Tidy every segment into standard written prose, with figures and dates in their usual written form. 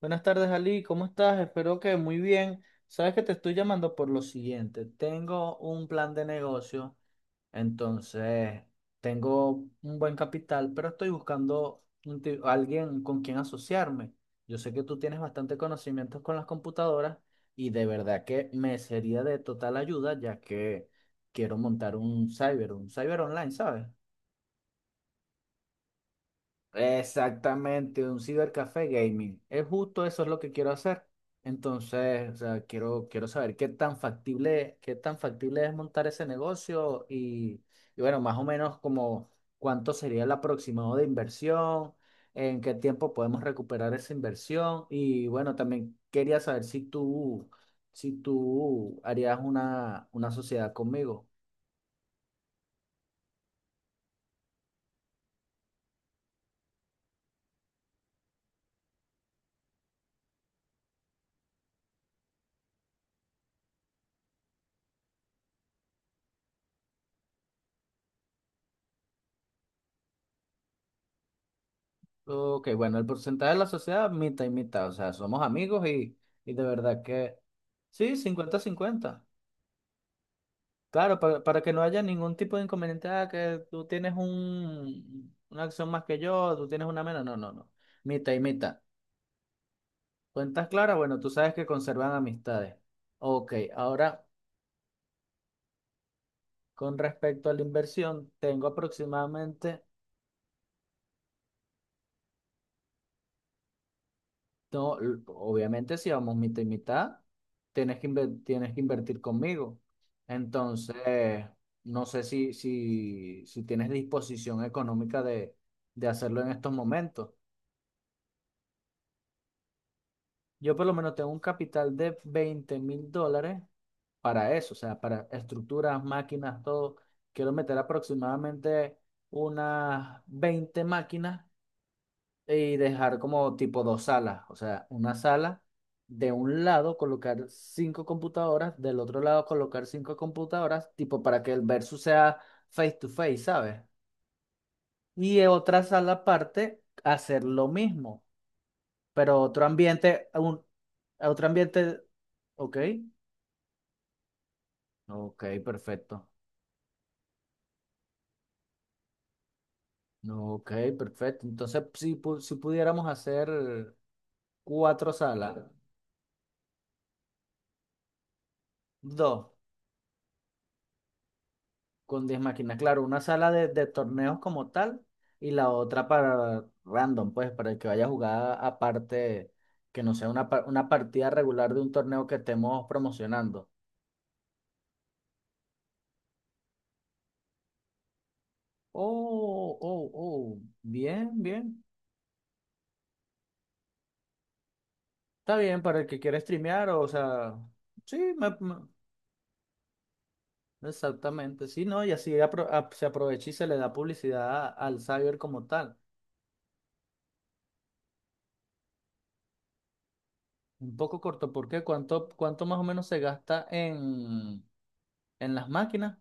Buenas tardes, Ali. ¿Cómo estás? Espero que muy bien. Sabes que te estoy llamando por lo siguiente. Tengo un plan de negocio, entonces tengo un buen capital, pero estoy buscando un alguien con quien asociarme. Yo sé que tú tienes bastante conocimientos con las computadoras y de verdad que me sería de total ayuda ya que quiero montar un cyber online, ¿sabes? Exactamente, un cibercafé gaming. Es justo eso es lo que quiero hacer. Entonces, o sea, quiero saber qué tan factible es montar ese negocio y bueno, más o menos como cuánto sería el aproximado de inversión, en qué tiempo podemos recuperar esa inversión y bueno, también quería saber si tú harías una sociedad conmigo. Ok, bueno, el porcentaje de la sociedad, mitad y mitad, o sea, somos amigos y de verdad que sí, 50-50. Claro, para que no haya ningún tipo de inconveniente, ah, que tú tienes una acción más que yo, tú tienes una menos, no, no, no, mitad y mitad. Cuentas claras, bueno, tú sabes que conservan amistades. Ok, ahora con respecto a la inversión, tengo aproximadamente no, obviamente si vamos mitad y mitad, tienes que invertir conmigo. Entonces, no sé si tienes disposición económica de hacerlo en estos momentos. Yo por lo menos tengo un capital de $20,000 para eso, o sea, para estructuras, máquinas, todo. Quiero meter aproximadamente unas 20 máquinas y dejar como tipo dos salas, o sea, una sala de un lado colocar cinco computadoras, del otro lado colocar cinco computadoras, tipo para que el versus sea face to face, ¿sabes? Y en otra sala aparte hacer lo mismo, pero otro ambiente, ok, ok, perfecto. Ok, perfecto. Entonces, si pudiéramos hacer cuatro salas, dos. Con 10 máquinas, claro, una sala de torneos como tal y la otra para random, pues, para el que vaya a jugar aparte, que no sea una partida regular de un torneo que estemos promocionando. Oh, oh, oh, bien, bien. Está bien, para el que quiera streamear, o sea, sí, exactamente, sí, ¿no? Y así se aprovecha y se le da publicidad al cyber como tal. Un poco corto, ¿por qué? ¿Cuánto más o menos se gasta en las máquinas?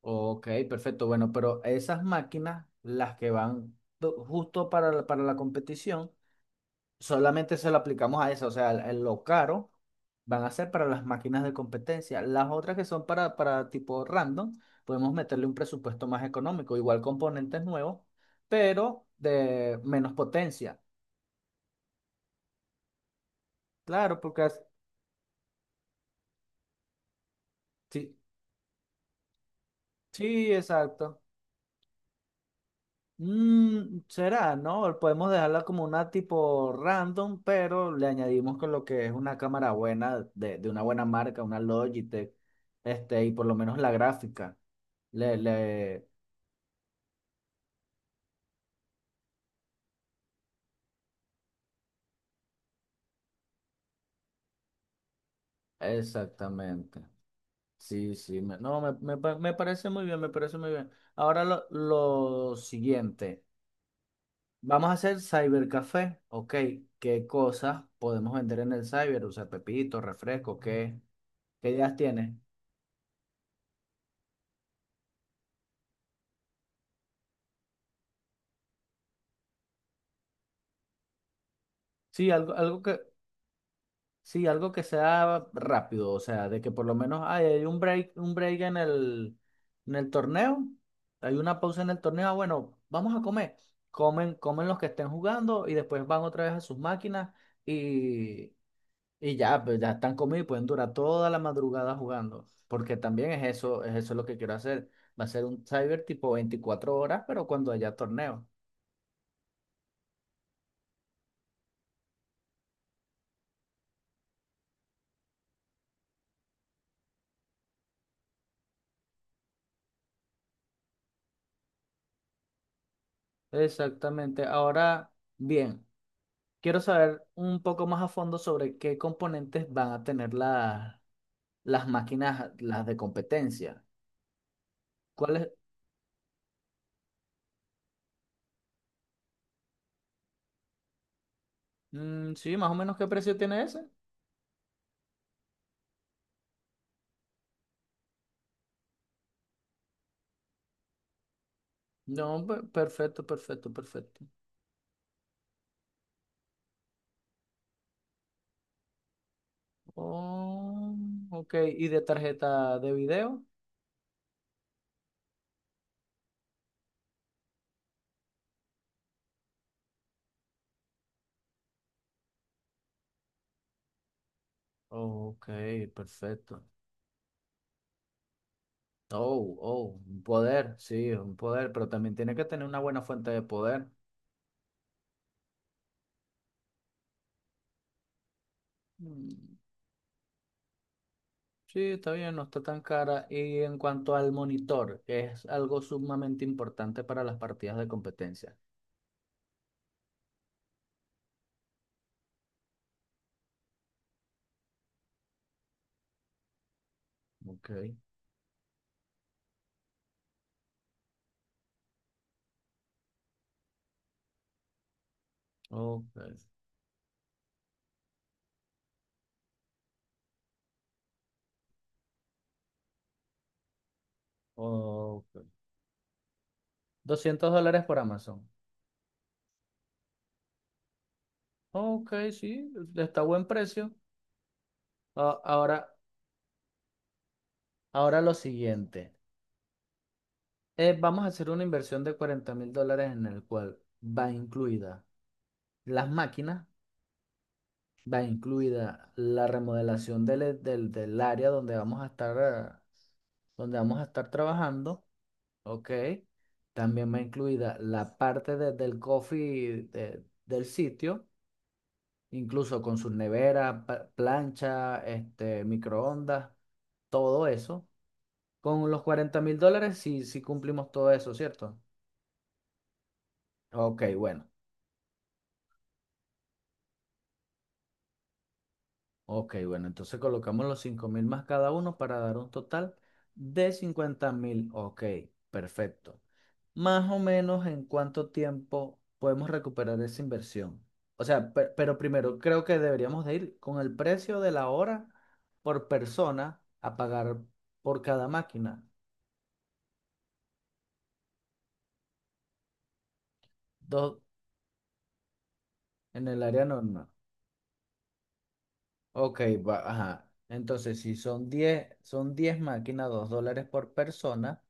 Ok, perfecto. Bueno, pero esas máquinas, las que justo para la competición, solamente se lo aplicamos a eso. O sea, lo caro van a ser para las máquinas de competencia. Las otras que son para tipo random, podemos meterle un presupuesto más económico, igual componentes nuevos, pero de menos potencia. Claro, porque sí, sí, exacto. Mm, será, ¿no? Podemos dejarla como una tipo random, pero le añadimos con lo que es una cámara buena, de una buena marca, una Logitech, este, y por lo menos la gráfica. Le, le, exactamente. Sí, sí, no, me parece muy bien, me parece muy bien. Ahora lo siguiente, vamos a hacer cybercafé, ok, ¿qué cosas podemos vender en el cyber? O sea, pepito, refresco, ¿qué ideas tienes? Sí, Sí, algo que sea rápido, o sea, de que por lo menos ay, hay un break en el torneo, hay una pausa en el torneo, ah, bueno, vamos a comer. Comen los que estén jugando y después van otra vez a sus máquinas y, y ya, pues ya están comidos y pueden durar toda la madrugada jugando. Porque también es eso lo que quiero hacer. Va a ser un cyber tipo 24 horas, pero cuando haya torneo. Exactamente. Ahora, bien. Quiero saber un poco más a fondo sobre qué componentes van a tener las máquinas, las de competencia. ¿Cuál es? Mm, sí, más o menos qué precio tiene ese. No, perfecto, perfecto, perfecto. Oh, ok, ¿y de tarjeta de video? Ok, perfecto. Oh, oh, un poder, sí, un poder, pero también tiene que tener una buena fuente de poder. Mm. Sí, está bien, no está tan cara. Y en cuanto al monitor, que es algo sumamente importante para las partidas de competencia. Ok, ok, ok. 200 dólares por Amazon. Ok, sí, está a buen precio. Ahora, ahora lo siguiente. Vamos a hacer una inversión de $40,000 en el cual va incluida las máquinas, va incluida la remodelación del área donde vamos a estar, donde vamos a estar trabajando. Ok. También va incluida la parte del coffee del sitio, incluso con sus neveras, plancha, este, microondas, todo eso. Con los $40,000 sí, sí cumplimos todo eso, ¿cierto? Ok, bueno. Ok, bueno. Entonces colocamos los 5,000 más cada uno para dar un total de 50,000. Ok, perfecto. Más o menos en cuánto tiempo podemos recuperar esa inversión. O sea, pero primero creo que deberíamos de ir con el precio de la hora por persona a pagar por cada máquina. Dos en el área normal. Ok, va, ajá. Entonces, si son 10 son 10 máquinas, $2 por persona,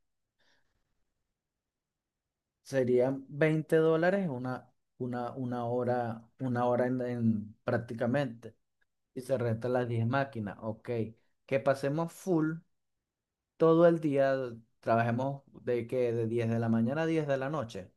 serían $20 una hora, prácticamente. Y se rentan las 10 máquinas. Ok. Que pasemos full todo el día trabajemos de que de 10 de la mañana a 10 de la noche.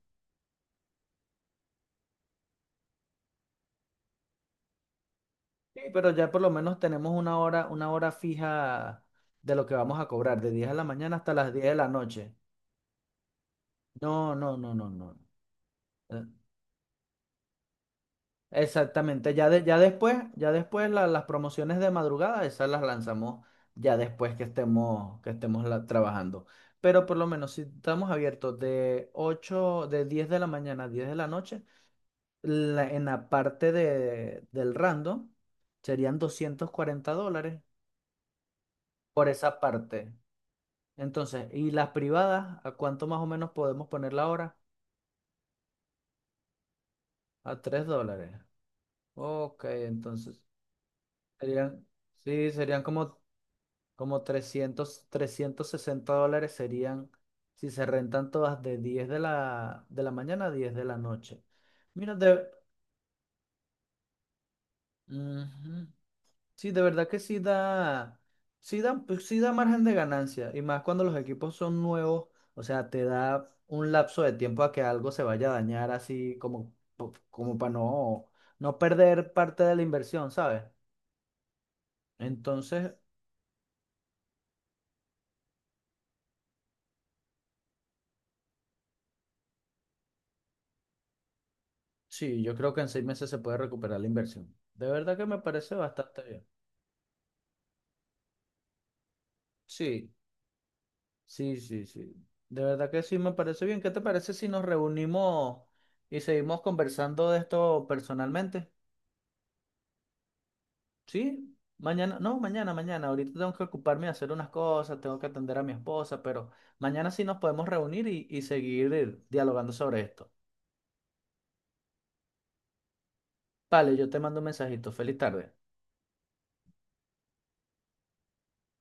Sí, pero ya por lo menos tenemos una hora fija de lo que vamos a cobrar, de 10 de la mañana hasta las 10 de la noche. No, no, no, no, no. Eh, exactamente, ya después las promociones de madrugada, esas las lanzamos ya después que estemos trabajando. Pero por lo menos si estamos abiertos de 8 de 10 de la mañana a 10 de la noche, en la parte del random serían $240 por esa parte. Entonces, ¿y las privadas? ¿A cuánto más o menos podemos ponerla ahora? A $3. Ok, entonces serían, sí, serían como $360 serían si se rentan todas de 10 de la mañana a 10 de la noche. Mira, de... Ujú. Sí, de verdad que sí da, pues sí da margen de ganancia, y más cuando los equipos son nuevos, o sea, te da un lapso de tiempo a que algo se vaya a dañar así como, como para no perder parte de la inversión, ¿sabes? Entonces, sí, yo creo que en 6 meses se puede recuperar la inversión. De verdad que me parece bastante bien. Sí, sí, sí, sí. De verdad que sí me parece bien. ¿Qué te parece si nos reunimos y seguimos conversando de esto personalmente? Sí, mañana, no, mañana, mañana. Ahorita tengo que ocuparme de hacer unas cosas, tengo que atender a mi esposa, pero mañana sí nos podemos reunir y seguir dialogando sobre esto. Vale, yo te mando un mensajito. Feliz tarde.